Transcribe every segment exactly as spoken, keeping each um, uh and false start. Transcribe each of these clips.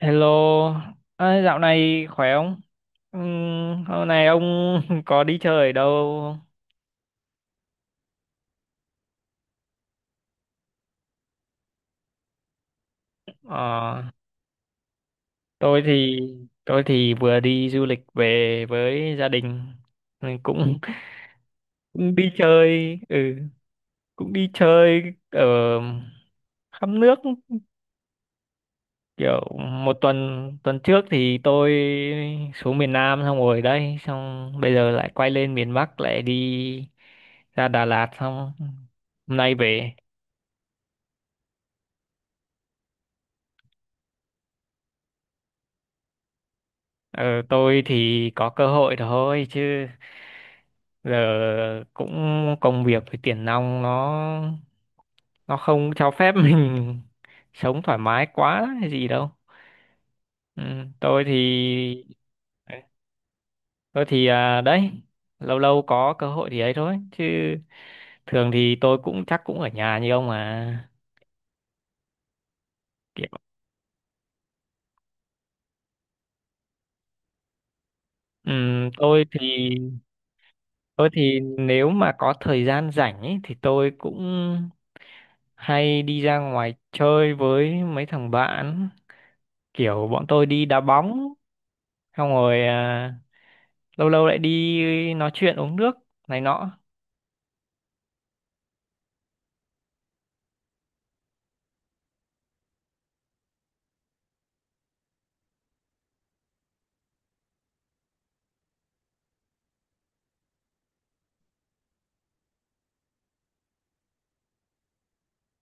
Hello, à, dạo này khỏe không? Ừm, hôm nay ông có đi chơi ở đâu không? Ờ, tôi thì tôi thì vừa đi du lịch về với gia đình. Ừ, cũng cũng đi chơi, ừ, cũng đi chơi ở khắp nước kiểu một tuần. Tuần trước thì tôi xuống miền Nam xong rồi đây, xong bây giờ lại quay lên miền Bắc lại đi ra Đà Lạt xong hôm nay về. Ờ, tôi thì có cơ hội thôi chứ giờ cũng công việc với tiền nong nó nó không cho phép mình sống thoải mái quá hay gì đâu. Ừ, tôi thì tôi thì à, đấy, lâu lâu có cơ hội thì ấy thôi chứ thường thì tôi cũng chắc cũng ở nhà như ông mà kiểu ừm, tôi thì Tôi thì nếu mà có thời gian rảnh ấy, thì tôi cũng hay đi ra ngoài chơi với mấy thằng bạn. Kiểu bọn tôi đi đá bóng, xong rồi à, lâu lâu lại đi nói chuyện uống nước này nọ.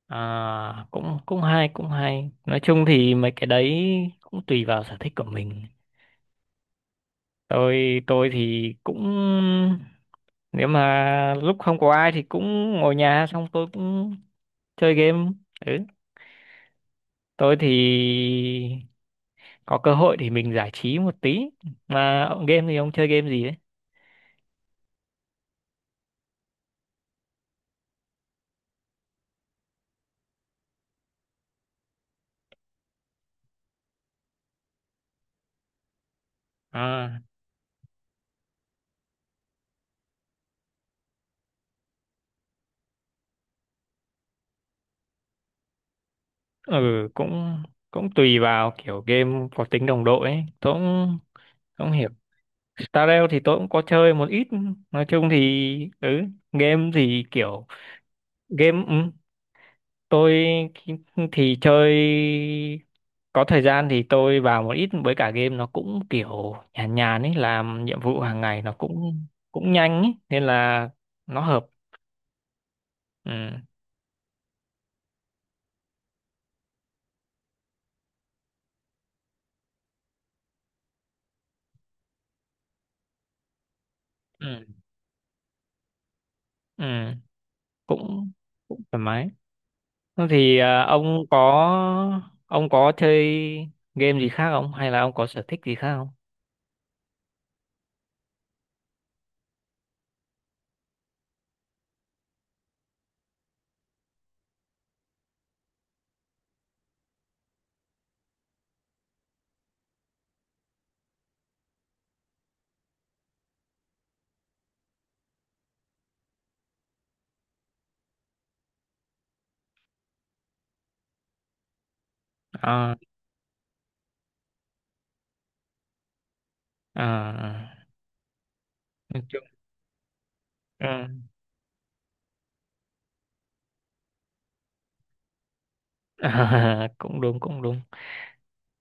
À, cũng cũng hay cũng hay. Nói chung thì mấy cái đấy cũng tùy vào sở thích của mình. Tôi tôi thì cũng nếu mà lúc không có ai thì cũng ngồi nhà xong tôi cũng chơi game. Ừ, tôi thì có cơ hội thì mình giải trí một tí, mà ông game thì ông chơi game gì đấy? À, ừ, cũng cũng tùy vào kiểu game có tính đồng đội ấy, tôi cũng không hiểu. Stardew thì tôi cũng có chơi một ít, nói chung thì ừ game thì kiểu game, ừ, tôi thì chơi có thời gian thì tôi vào một ít, với cả game nó cũng kiểu nhàn nhàn ấy, làm nhiệm vụ hàng ngày nó cũng cũng nhanh ấy nên là nó hợp. Ừ, ừ, ừ, cũng cũng thoải mái. Thế thì à, ông có ông có chơi game gì khác không, hay là ông có sở thích gì khác không? à à nói chung- à, à, cũng đúng cũng đúng.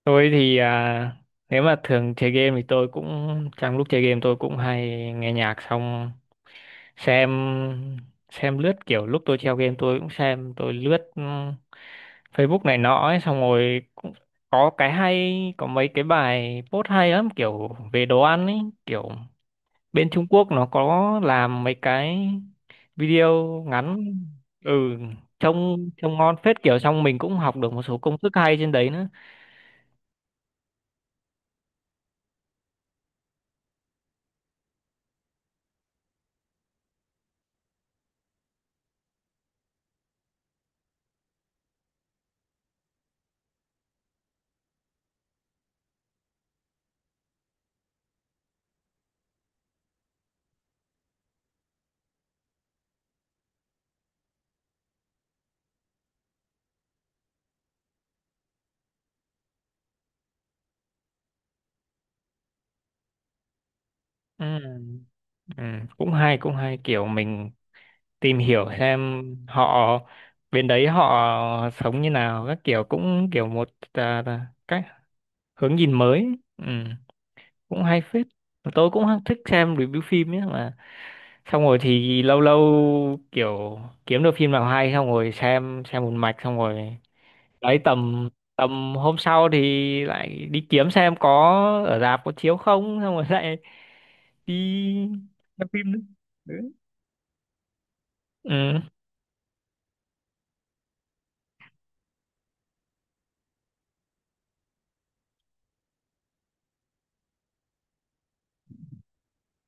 Tôi thì à, nếu mà thường chơi game thì tôi cũng trong lúc chơi game tôi cũng hay nghe nhạc xong xem xem lướt, kiểu lúc tôi treo game tôi cũng xem tôi lướt ừ, Facebook này nọ ấy, xong rồi cũng có cái hay, có mấy cái bài post hay lắm kiểu về đồ ăn ấy, kiểu bên Trung Quốc nó có làm mấy cái video ngắn, ừ, trông trông ngon phết kiểu, xong mình cũng học được một số công thức hay trên đấy nữa. Ừ, ừ, cũng hay cũng hay kiểu mình tìm hiểu xem họ bên đấy họ sống như nào các kiểu, cũng kiểu một à, là cách hướng nhìn mới. Ừ, cũng hay phết. Mà tôi cũng thích xem review phim ấy mà, xong rồi thì lâu lâu kiểu kiếm được phim nào hay xong rồi xem xem một mạch xong rồi đấy, tầm tầm hôm sau thì lại đi kiếm xem có ở rạp có chiếu không, xong rồi lại đi xem phim nữa. Đấy. Ừ.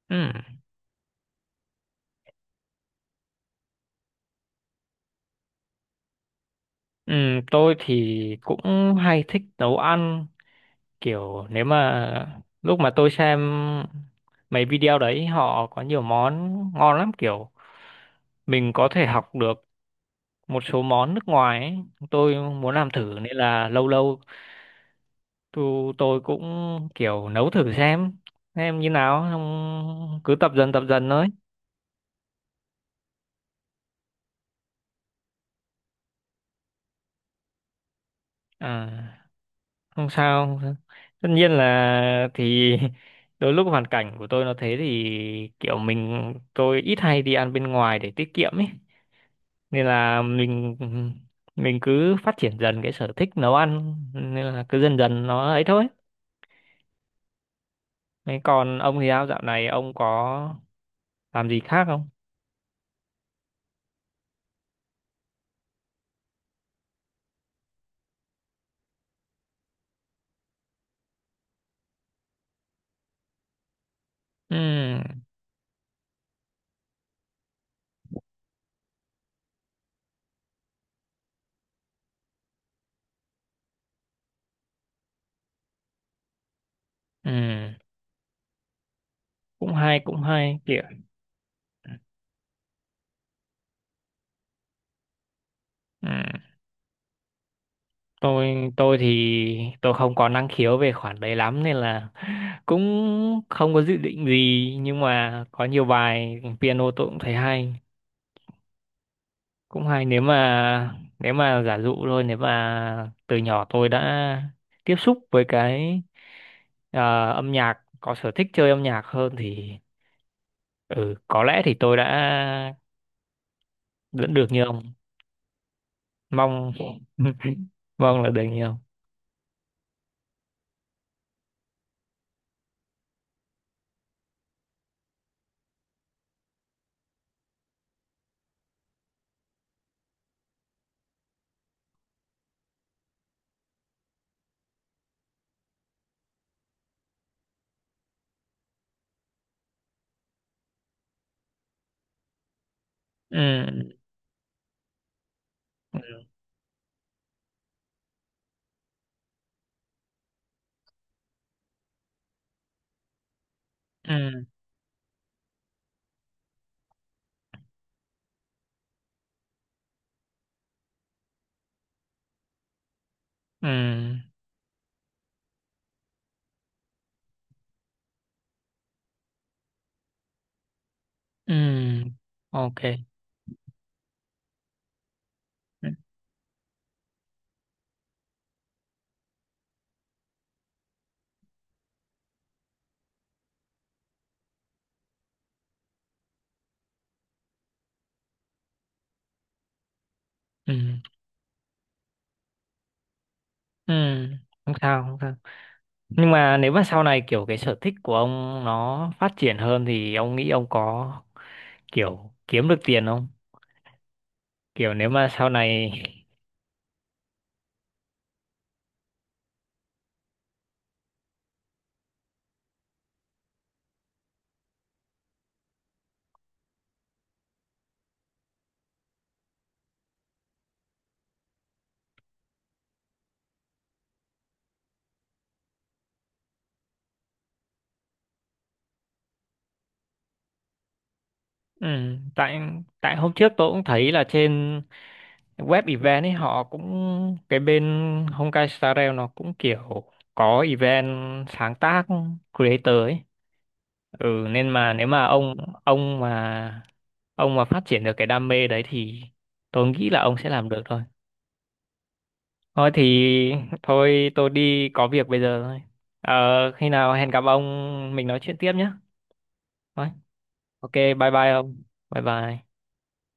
Ừ. Ừ, tôi thì cũng hay thích nấu ăn kiểu nếu mà lúc mà tôi xem mấy video đấy họ có nhiều món ngon lắm, kiểu mình có thể học được một số món nước ngoài ấy. Tôi muốn làm thử nên là lâu lâu tôi tôi cũng kiểu nấu thử xem xem như nào xong cứ tập dần tập dần thôi. À. Không sao không sao. Tất nhiên là thì đôi lúc hoàn cảnh của tôi nó thế thì kiểu mình tôi ít hay đi ăn bên ngoài để tiết kiệm ấy nên là mình mình cứ phát triển dần cái sở thích nấu ăn nên là cứ dần dần nó ấy thôi. Thế còn ông thì sao, dạo này ông có làm gì khác không? Ừ. Ừ. Cũng hay cũng hay kìa. Ừ, tôi tôi thì tôi không có năng khiếu về khoản đấy lắm nên là cũng không có dự định gì, nhưng mà có nhiều bài piano tôi cũng thấy hay, cũng hay, nếu mà nếu mà giả dụ thôi, nếu mà từ nhỏ tôi đã tiếp xúc với cái à, âm nhạc, có sở thích chơi âm nhạc hơn thì, ừ, có lẽ thì tôi đã vẫn được như ông mong. Mong là được như ông. Ừ, ừ, ừ, ừ. Ừ. OK. Ừ, ừ, ừ, không sao không sao, nhưng mà nếu mà sau này kiểu cái sở thích của ông nó phát triển hơn thì ông nghĩ ông có kiểu kiếm được tiền không, kiểu nếu mà sau này. Ừ, tại tại hôm trước tôi cũng thấy là trên web event ấy, họ cũng cái bên Honkai Star Rail nó cũng kiểu có event sáng tác creator ấy, ừ, nên mà nếu mà ông ông mà ông mà phát triển được cái đam mê đấy thì tôi nghĩ là ông sẽ làm được thôi. Thôi thì thôi tôi đi có việc bây giờ thôi. ờ, khi nào hẹn gặp ông mình nói chuyện tiếp nhé. Thôi, OK, bye bye ông. Bye bye.